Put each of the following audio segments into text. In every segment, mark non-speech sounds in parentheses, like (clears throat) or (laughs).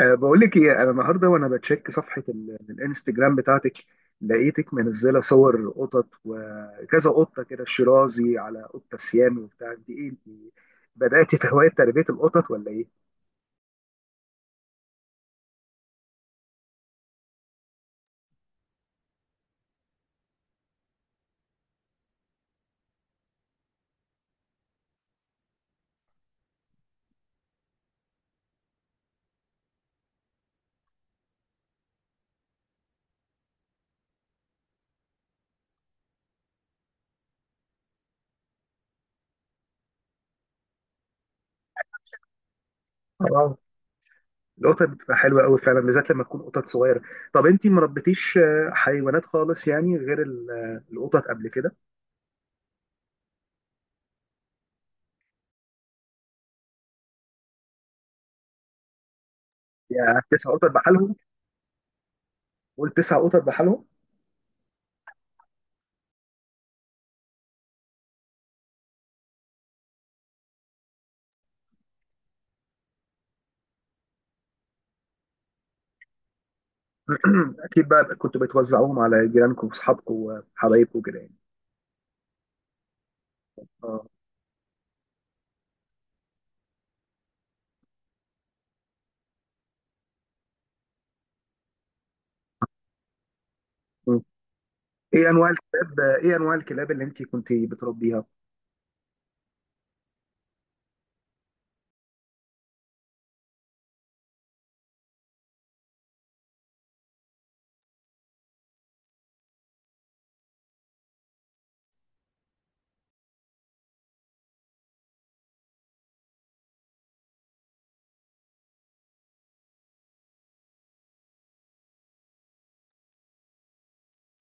أه، بقول لك ايه، انا النهارده وانا بتشيك صفحه الانستجرام بتاعتك، لقيتك منزله صور قطط وكذا قطه كده، شيرازي على قطه سيام وبتاع. دي ايه انت، بداتي في هوايه تربيه القطط ولا ايه؟ اه، القطط بتبقى حلوه قوي فعلا، بالذات لما تكون قطط صغيره. طب انت ما ربيتيش حيوانات خالص يعني، غير القطط قبل كده؟ يعني تسع قطط بحالهم؟ قول: تسع قطط بحالهم. (clears throat) اكيد بقى كنتوا بتوزعوهم على جيرانكم واصحابكم وحبايبكم كده يعني. اه. ايه انواع الكلاب اللي انت كنت بتربيها؟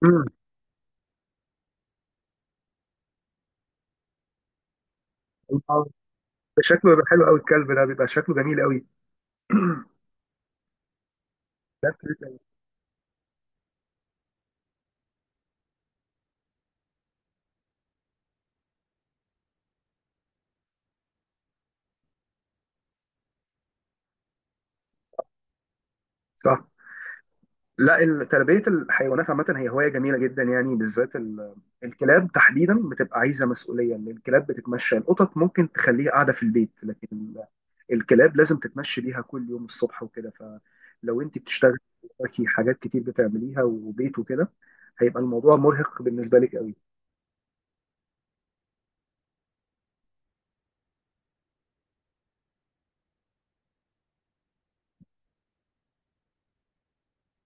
امم شكله بيبقى حلو قوي الكلب ده، بيبقى شكله جميل قوي. كلاب كتير قوي. صح. لا، تربيه الحيوانات عامه هي هوايه جميله جدا يعني، بالذات الكلاب تحديدا بتبقى عايزه مسؤوليه. إن الكلاب بتتمشى، القطط ممكن تخليها قاعده في البيت، لكن الكلاب لازم تتمشي بيها كل يوم الصبح وكده. فلو انت بتشتغلي، وراكي حاجات كتير بتعمليها وبيت وكده، هيبقى الموضوع مرهق بالنسبه لك قوي.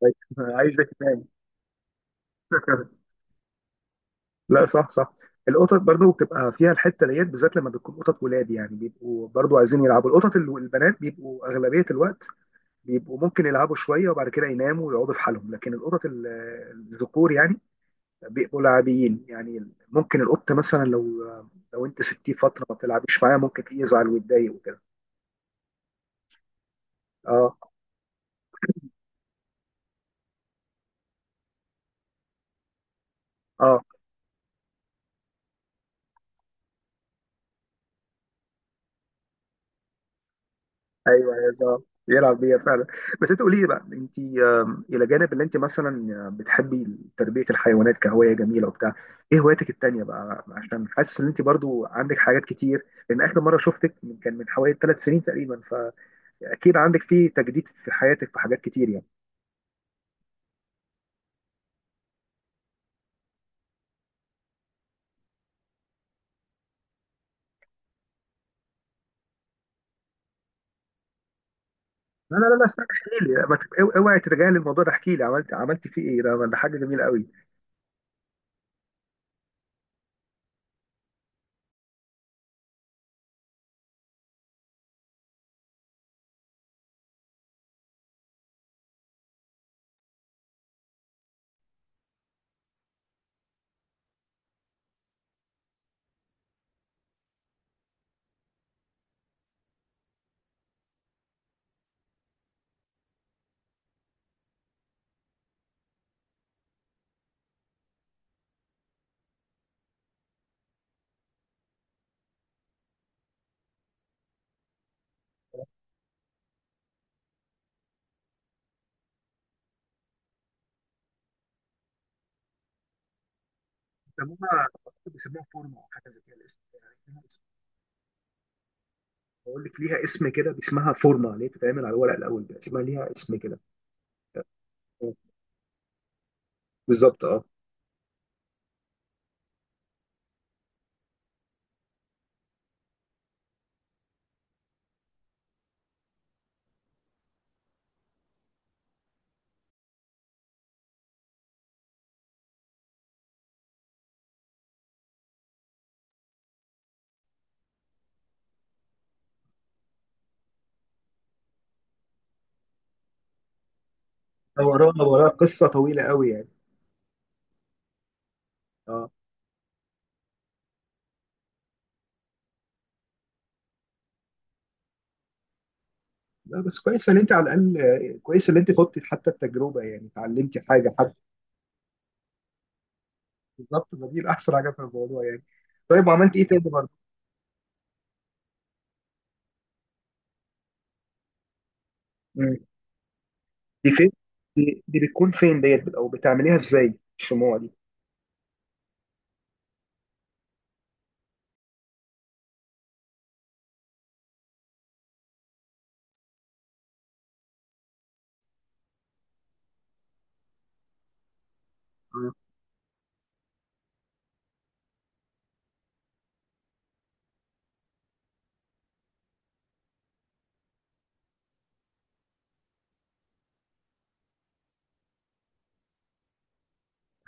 (laughs) عايزه تنام. (laughs) لا، صح صح. القطط برضو بتبقى فيها الحته ديت، بالذات لما بتكون قطط ولاد، يعني بيبقوا برضو عايزين يلعبوا. القطط البنات بيبقوا اغلبيه الوقت بيبقوا ممكن يلعبوا شويه وبعد كده يناموا ويقعدوا في حالهم، لكن القطط الذكور يعني بيبقوا لاعبين. يعني ممكن القط مثلا لو انت سبتيه فتره ما بتلعبيش معاه، ممكن يزعل ويتضايق وكده. اه. اه، ايوه يا صاحب، يلعب بيها فعلا. بس انت قولي لي بقى، انت الى جانب اللي انت مثلا بتحبي تربيه الحيوانات كهوايه جميله وبتاع، ايه هواياتك التانيه بقى؟ عشان حاسس ان انت برضو عندك حاجات كتير، لان اخر مره شفتك كان من حوالي ثلاث سنين تقريبا، فاكيد عندك فيه تجديد في حياتك، في حاجات كتير يعني. لا لا لا لا، استنى احكي لي، ما تبقى- اوعي تتجاهل الموضوع ده. احكي لي، عملت فيه ايه؟ ده حاجه جميله قوي. بيسموها بيسموها فورمه او حاجه زي كده الاسم. بقول لك ليها اسم كده، اسمها فورمه، اللي هي بتتعمل على الورق الاول ده، اسمها ليها اسم كده. بالظبط، اه. ده وراها وراها قصه طويله قوي يعني. اه. لا بس كويس ان انت على الاقل، كويس ان انت خضتي حتى التجربه، يعني اتعلمتي حاجه حتى. بالظبط، ما دي الاحسن حاجه في الموضوع يعني. طيب، وعملت ايه تاني برضه؟ مم. دي فين؟ دي بتكون فين ديت، او بتعمليها ازاي الشموع دي؟ آه.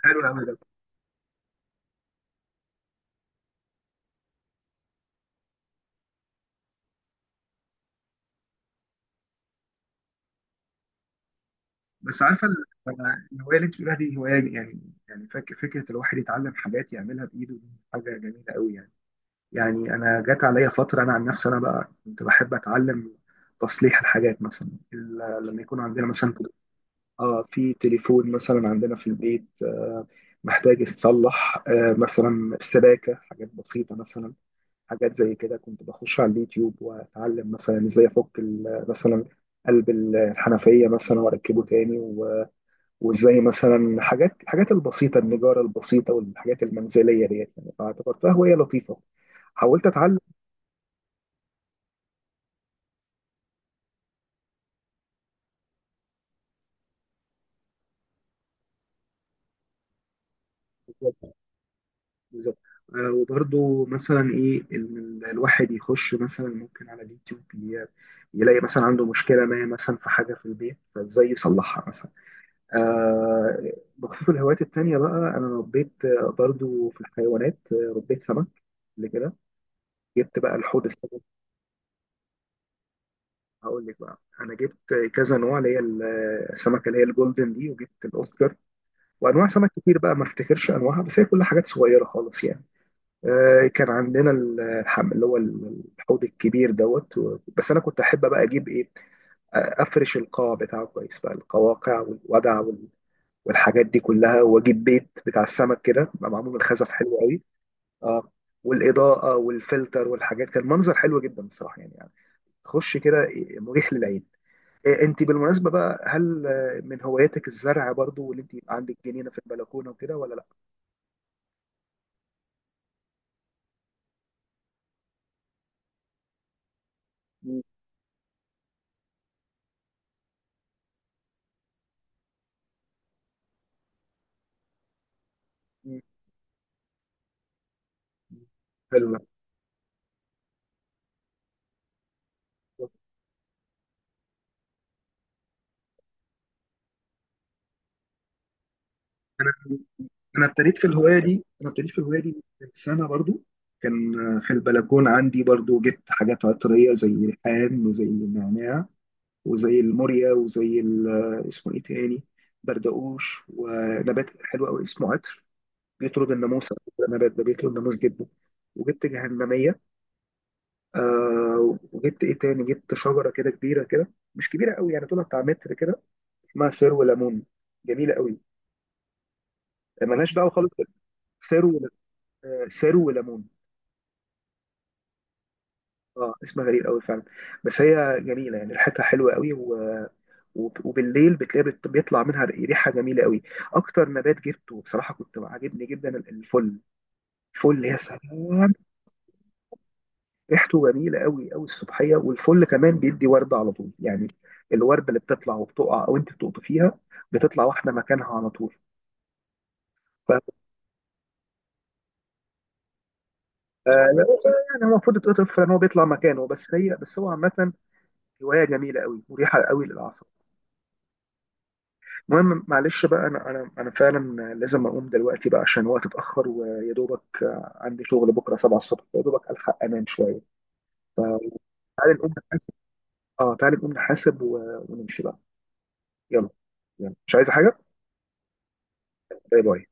حلو العمل ده. بس عارفه الهوايه اللي انت بتقولها دي هوايه يعني، يعني فكره الواحد يتعلم حاجات يعملها بايده دي حاجه جميله قوي يعني. يعني انا جات عليا فتره، انا عن نفسي انا بقى كنت بحب اتعلم تصليح الحاجات مثلا، لما يكون عندنا مثلا اه في تليفون مثلا عندنا في البيت، آه محتاج يتصلح، آه مثلا السباكه، حاجات بسيطه مثلا، حاجات زي كده. كنت بخش على اليوتيوب واتعلم مثلا ازاي افك مثلا قلب الحنفيه مثلا واركبه تاني وازاي مثلا حاجات الحاجات البسيطه، النجاره البسيطه والحاجات المنزليه ديت يعني، فاعتبرتها هوايه لطيفه، حاولت اتعلم. بالظبط. آه، وبرضو مثلا ايه ان الواحد يخش مثلا ممكن على اليوتيوب يلاقي مثلا عنده مشكله ما مثلا في حاجه في البيت، فازاي يصلحها مثلا. آه، بخصوص الهوايات التانيه بقى، انا ربيت برضو في الحيوانات، ربيت سمك قبل كده، جبت بقى الحوض السمك. هقول لك بقى، انا جبت كذا نوع، اللي هي السمكه اللي هي الجولدن دي، وجبت الاوسكار، وانواع سمك كتير بقى ما افتكرش انواعها، بس هي كل حاجات صغيره خالص يعني. كان عندنا اللي هو الحوض الكبير دوت بس انا كنت احب بقى اجيب ايه، افرش القاع بتاعه كويس بقى، القواقع والودع والحاجات دي كلها، واجيب بيت بتاع السمك كده بقى، معمول من خزف حلو قوي. اه. والاضاءه والفلتر والحاجات، كان منظر حلو جدا الصراحه يعني، يعني خش كده، إيه، مريح للعين. إيه، انت بالمناسبه بقى، هل من هواياتك الزرع برضو، واللي انت يبقى عندك جنينه في البلكونه وكده ولا لا؟ مم. مم. حلو. انا ابتديت في الهوايه دي من سنه برضو. كان في البلكون عندي برضو، جبت حاجات عطريه زي الريحان وزي النعناع وزي الموريا وزي اسمه ايه تاني، بردقوش، ونبات حلو قوي اسمه عطر، بيطرد الناموس على فكرة، النبات ده بيطرد الناموس جدا. وجبت جهنميه. آه، وجبت ايه تاني، جبت شجره كده كبيره كده، مش كبيره قوي يعني طولها بتاع متر كده، اسمها سرو ليمون، جميله قوي، ملهاش دعوه خالص. سرو آه، سرو ليمون. اه، اسمها غريب قوي فعلا، بس هي جميله، يعني ريحتها حلوه قوي، وبالليل بتلاقي بيطلع منها ريحه جميله قوي. اكتر نبات جبته بصراحه كنت عاجبني جدا، الفل. الفل يا سلام، ريحته جميله قوي قوي الصبحيه، والفل كمان بيدي ورده على طول يعني، الورده اللي بتطلع وبتقع او انت بتقطفيها، فيها بتطلع واحده مكانها على طول. ف آه، لا بس، يعني هو المفروض يتقطف لان هو بيطلع مكانه، بس هو عامه هوايه جميله قوي، مريحه قوي للاعصاب. المهم، معلش بقى، انا فعلا لازم اقوم دلوقتي بقى، عشان الوقت اتاخر، ويا دوبك عندي شغل بكره 7 الصبح، يا دوبك الحق انام شويه. فتعالى نقوم نحاسب. اه، تعالى نقوم نحاسب ونمشي بقى. يلا. يلا، مش عايزه حاجه. باي باي.